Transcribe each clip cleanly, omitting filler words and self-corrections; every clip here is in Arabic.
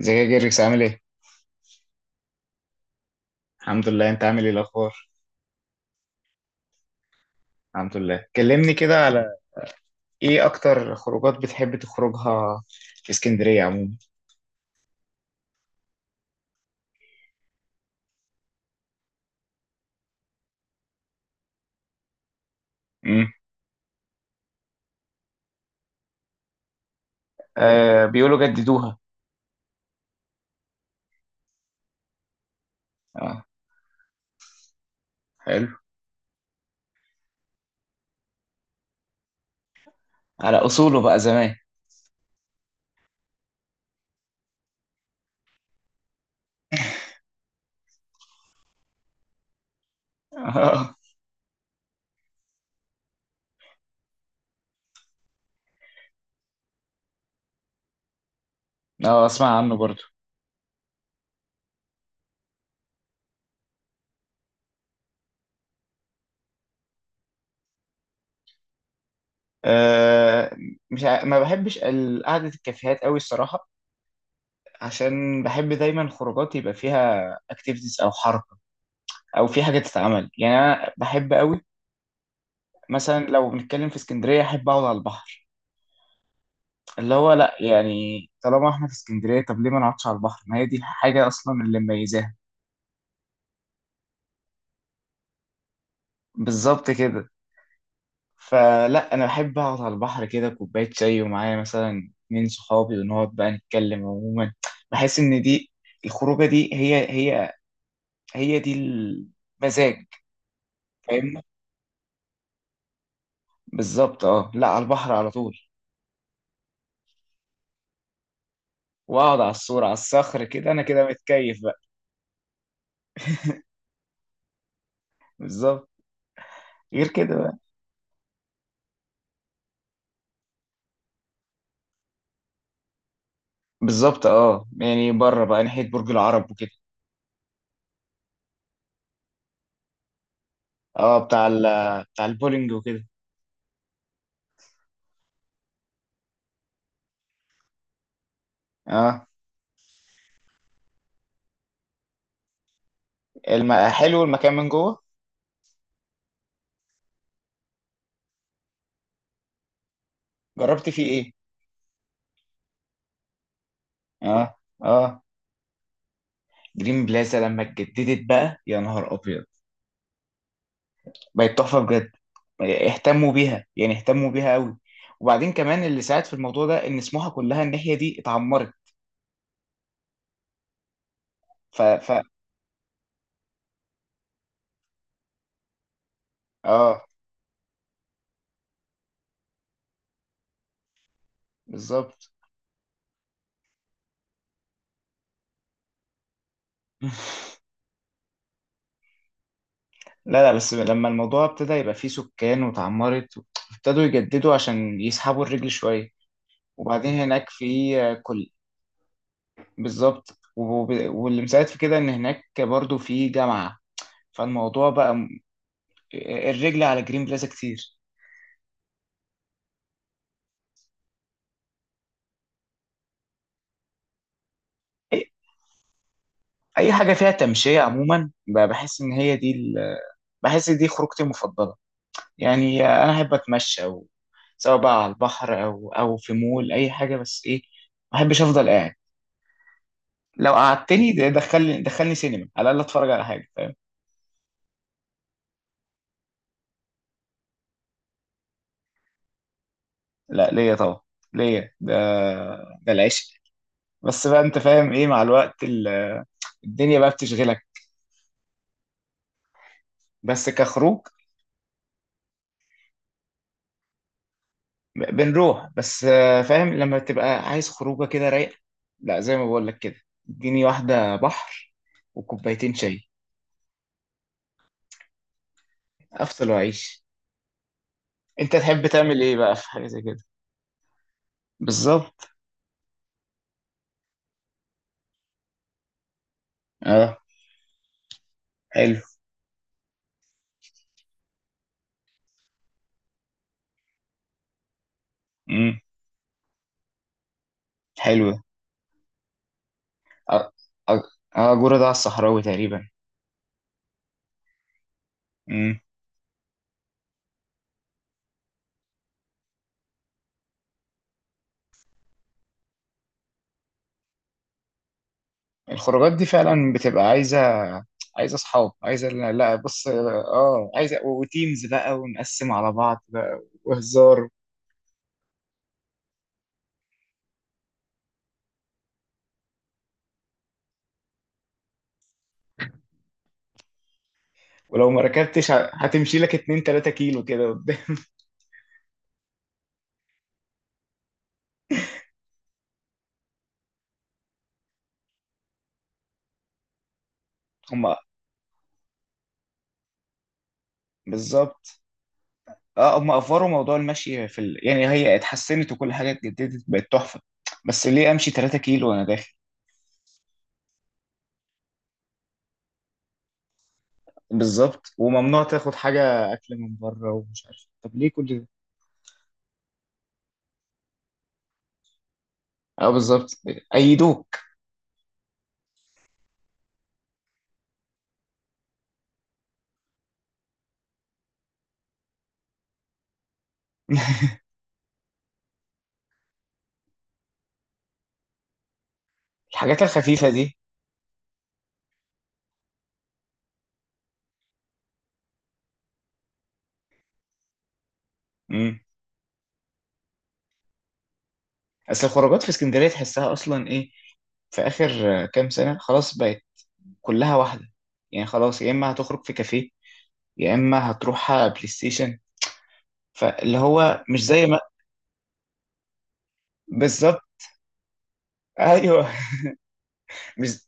ازيك يا جيركس عامل ايه؟ الحمد لله، انت عامل ايه الاخبار؟ الحمد لله. كلمني كده على ايه اكتر خروجات بتحب تخرجها في اسكندرية عموما؟ امم آه، بيقولوا جددوها. اه، حلو. على اصوله بقى زمان. اه. اه، اسمع عنه برضو. آه، مش ع... ما بحبش قعدة الكافيهات قوي الصراحة. عشان بحب دايما خروجات يبقى فيها اكتيفيتيز او حركة، او في حاجة تتعمل. يعني انا بحب قوي مثلا لو بنتكلم في اسكندرية احب اقعد على البحر، اللي هو لا يعني طالما احنا في اسكندريه، طب ليه ما نقعدش على البحر؟ ما هي دي الحاجه اصلا اللي مميزاها. بالظبط كده. فلا انا بحب اقعد على البحر كده، كوبايه شاي ومعايا مثلا اتنين صحابي، ونقعد بقى نتكلم عموما. بحس ان دي الخروجه دي هي دي المزاج. فاهمني. بالظبط، اه، لا على البحر على طول. واقعد على الصورة على الصخر كده، انا كده متكيف بقى. بالظبط. غير كده بقى. بالظبط، اه، يعني بره بقى ناحيه برج العرب وكده. اه، بتاع البولينج وكده. اه. حلو المكان من جوه. جربت فيه ايه؟ اه. اه. جرين بلازا لما اتجددت بقى، يا نهار ابيض! بقت تحفه بجد. اهتموا بيها، يعني اهتموا بيها قوي. وبعدين كمان اللي ساعد في الموضوع ده ان سموحه كلها الناحيه دي اتعمرت. ف اه، بالظبط. لا، بس لما الموضوع ابتدى يبقى فيه سكان واتعمرت، ابتدوا يجددوا عشان يسحبوا الرجل شويه. وبعدين هناك في كليات. بالظبط، واللي مساعد في كده ان هناك برضو في جامعة. فالموضوع بقى الرجل على جرين بلازا كتير. اي، أي حاجة فيها تمشية عموما، بحس ان هي دي بحس دي خروجتي المفضلة. يعني انا احب اتمشى، او سواء بقى على البحر او او في مول، اي حاجة، بس ايه، ما بحبش افضل قاعد. لو قعدتني ده، دخلني سينما على الاقل اتفرج على حاجة. فاهم؟ لا ليا طبعا. ليا ده، ده العشق. بس بقى انت فاهم ايه، مع الوقت الدنيا بقى بتشغلك. بس كخروج، بنروح. بس فاهم لما تبقى عايز خروجه كده رايقه، لا زي ما بقول لك كده، اديني واحده بحر وكوبايتين شاي. افصل واعيش. انت تحب تعمل ايه بقى في حاجه زي كده؟ بالظبط. اه، حلو. امم. حلو. اه. اه. جورة ده على الصحراوي تقريبا. امم. الخروجات دي فعلا بتبقى عايزه، عايزه اصحاب، عايزه، لا، بص، اه، عايزه، وتيمز بقى، ونقسم على بعض بقى وهزار. ولو ما ركبتش هتمشي لك 2 3 كيلو كده قدام. هم. بالظبط، اه، هم افوروا موضوع المشي في يعني هي اتحسنت وكل حاجه اتجددت بقت تحفه، بس ليه امشي 3 كيلو وانا داخل؟ بالظبط. وممنوع تاخد حاجه اكل من بره، ومش عارف، طب ليه كل ده؟ اه، بالظبط. ايدوك. الحاجات الخفيفه دي. امم. اصل الخروجات في اسكندريه تحسها اصلا ايه، في اخر كام سنه، خلاص بقت كلها واحده. يعني خلاص، يا اما هتخرج في كافيه، يا اما هتروح بلاي ستيشن. فاللي هو مش زي ما، بالظبط. ايوه. مش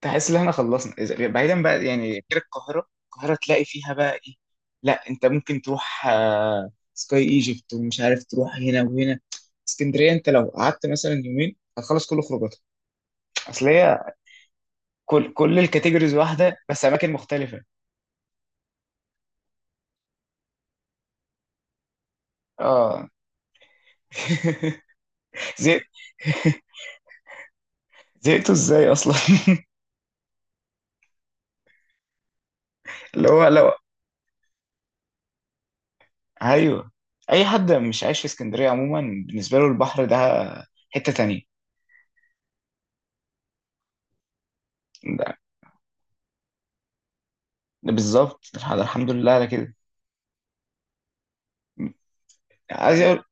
تحس ان احنا خلصنا؟ بعيدا بقى يعني غير القاهره، القاهره تلاقي فيها بقى ايه، لا انت ممكن تروح سكاي ايجيبت ومش عارف تروح هنا وهنا. اسكندريه انت لو قعدت مثلا يومين هتخلص كل خروجاتك. اصل هي كل الكاتيجوريز واحده، بس اماكن مختلفه. اه. زهقت، زهقتوا ازاي اصلا؟ اللي هو لو، ايوه. اي حد مش عايش في اسكندريه عموما، بالنسبه له البحر ده حته تانية. بالظبط، الحمد لله على كده. عايز اقول،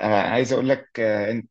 عايز اقول لك، انت،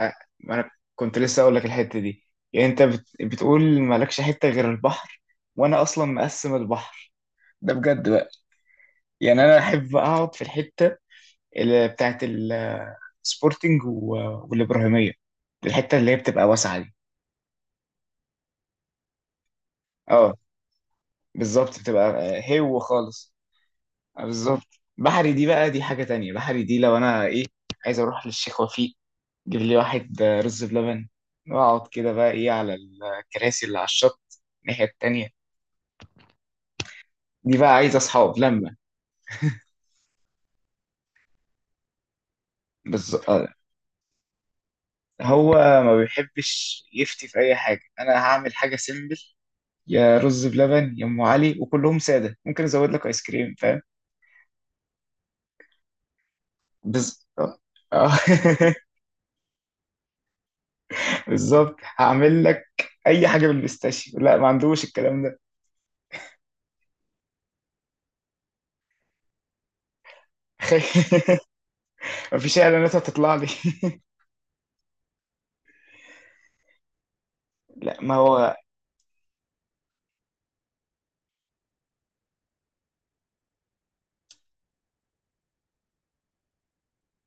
آه، ما انا كنت لسه اقول لك الحته دي. يعني انت بتقول مالكش حته غير البحر، وانا اصلا مقسم البحر ده بجد بقى. يعني انا احب اقعد في الحته اللي بتاعت السبورتنج والابراهيميه، الحته اللي هي بتبقى واسعه دي. اه، بالظبط، بتبقى هو خالص. بالظبط. بحري دي بقى دي حاجه تانية. بحري دي لو انا ايه، عايز اروح للشيخ وفيق، جيب لي واحد رز بلبن، واقعد كده بقى ايه على الكراسي اللي على الشط الناحية التانية. دي بقى عايز اصحاب لما، بالظبط. هو ما بيحبش يفتي في اي حاجة. انا هعمل حاجة سيمبل، يا رز بلبن يا ام علي، وكلهم سادة، ممكن ازود لك ايس كريم. فاهم؟ آه. آه. بالظبط، هعمل لك اي حاجة بالبيستاشيو، لا ما عندوش الكلام ده. مفيش اعلانات هتطلع لي. لا، ما هو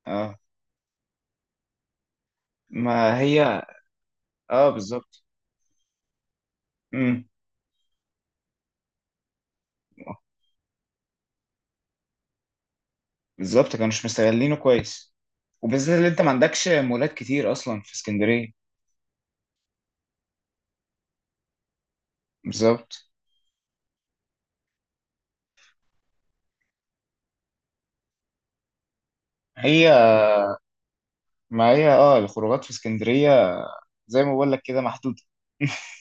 اه، ما هي اه. بالظبط. امم. بالظبط، كانوا مش مستغلينه كويس، وبالذات اللي انت ما عندكش مولات كتير اصلا في اسكندريه. بالظبط. هي، ما هي اه، الخروجات في اسكندريه زي ما بقول لك كده محدوده.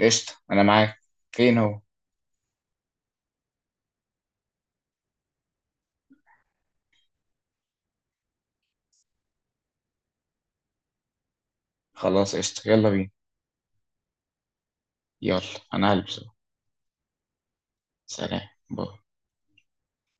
قشطه انا معاك، فين هو؟ خلاص قشطه، يلا بينا. يلا. انا هلبس أهو. سلام باي.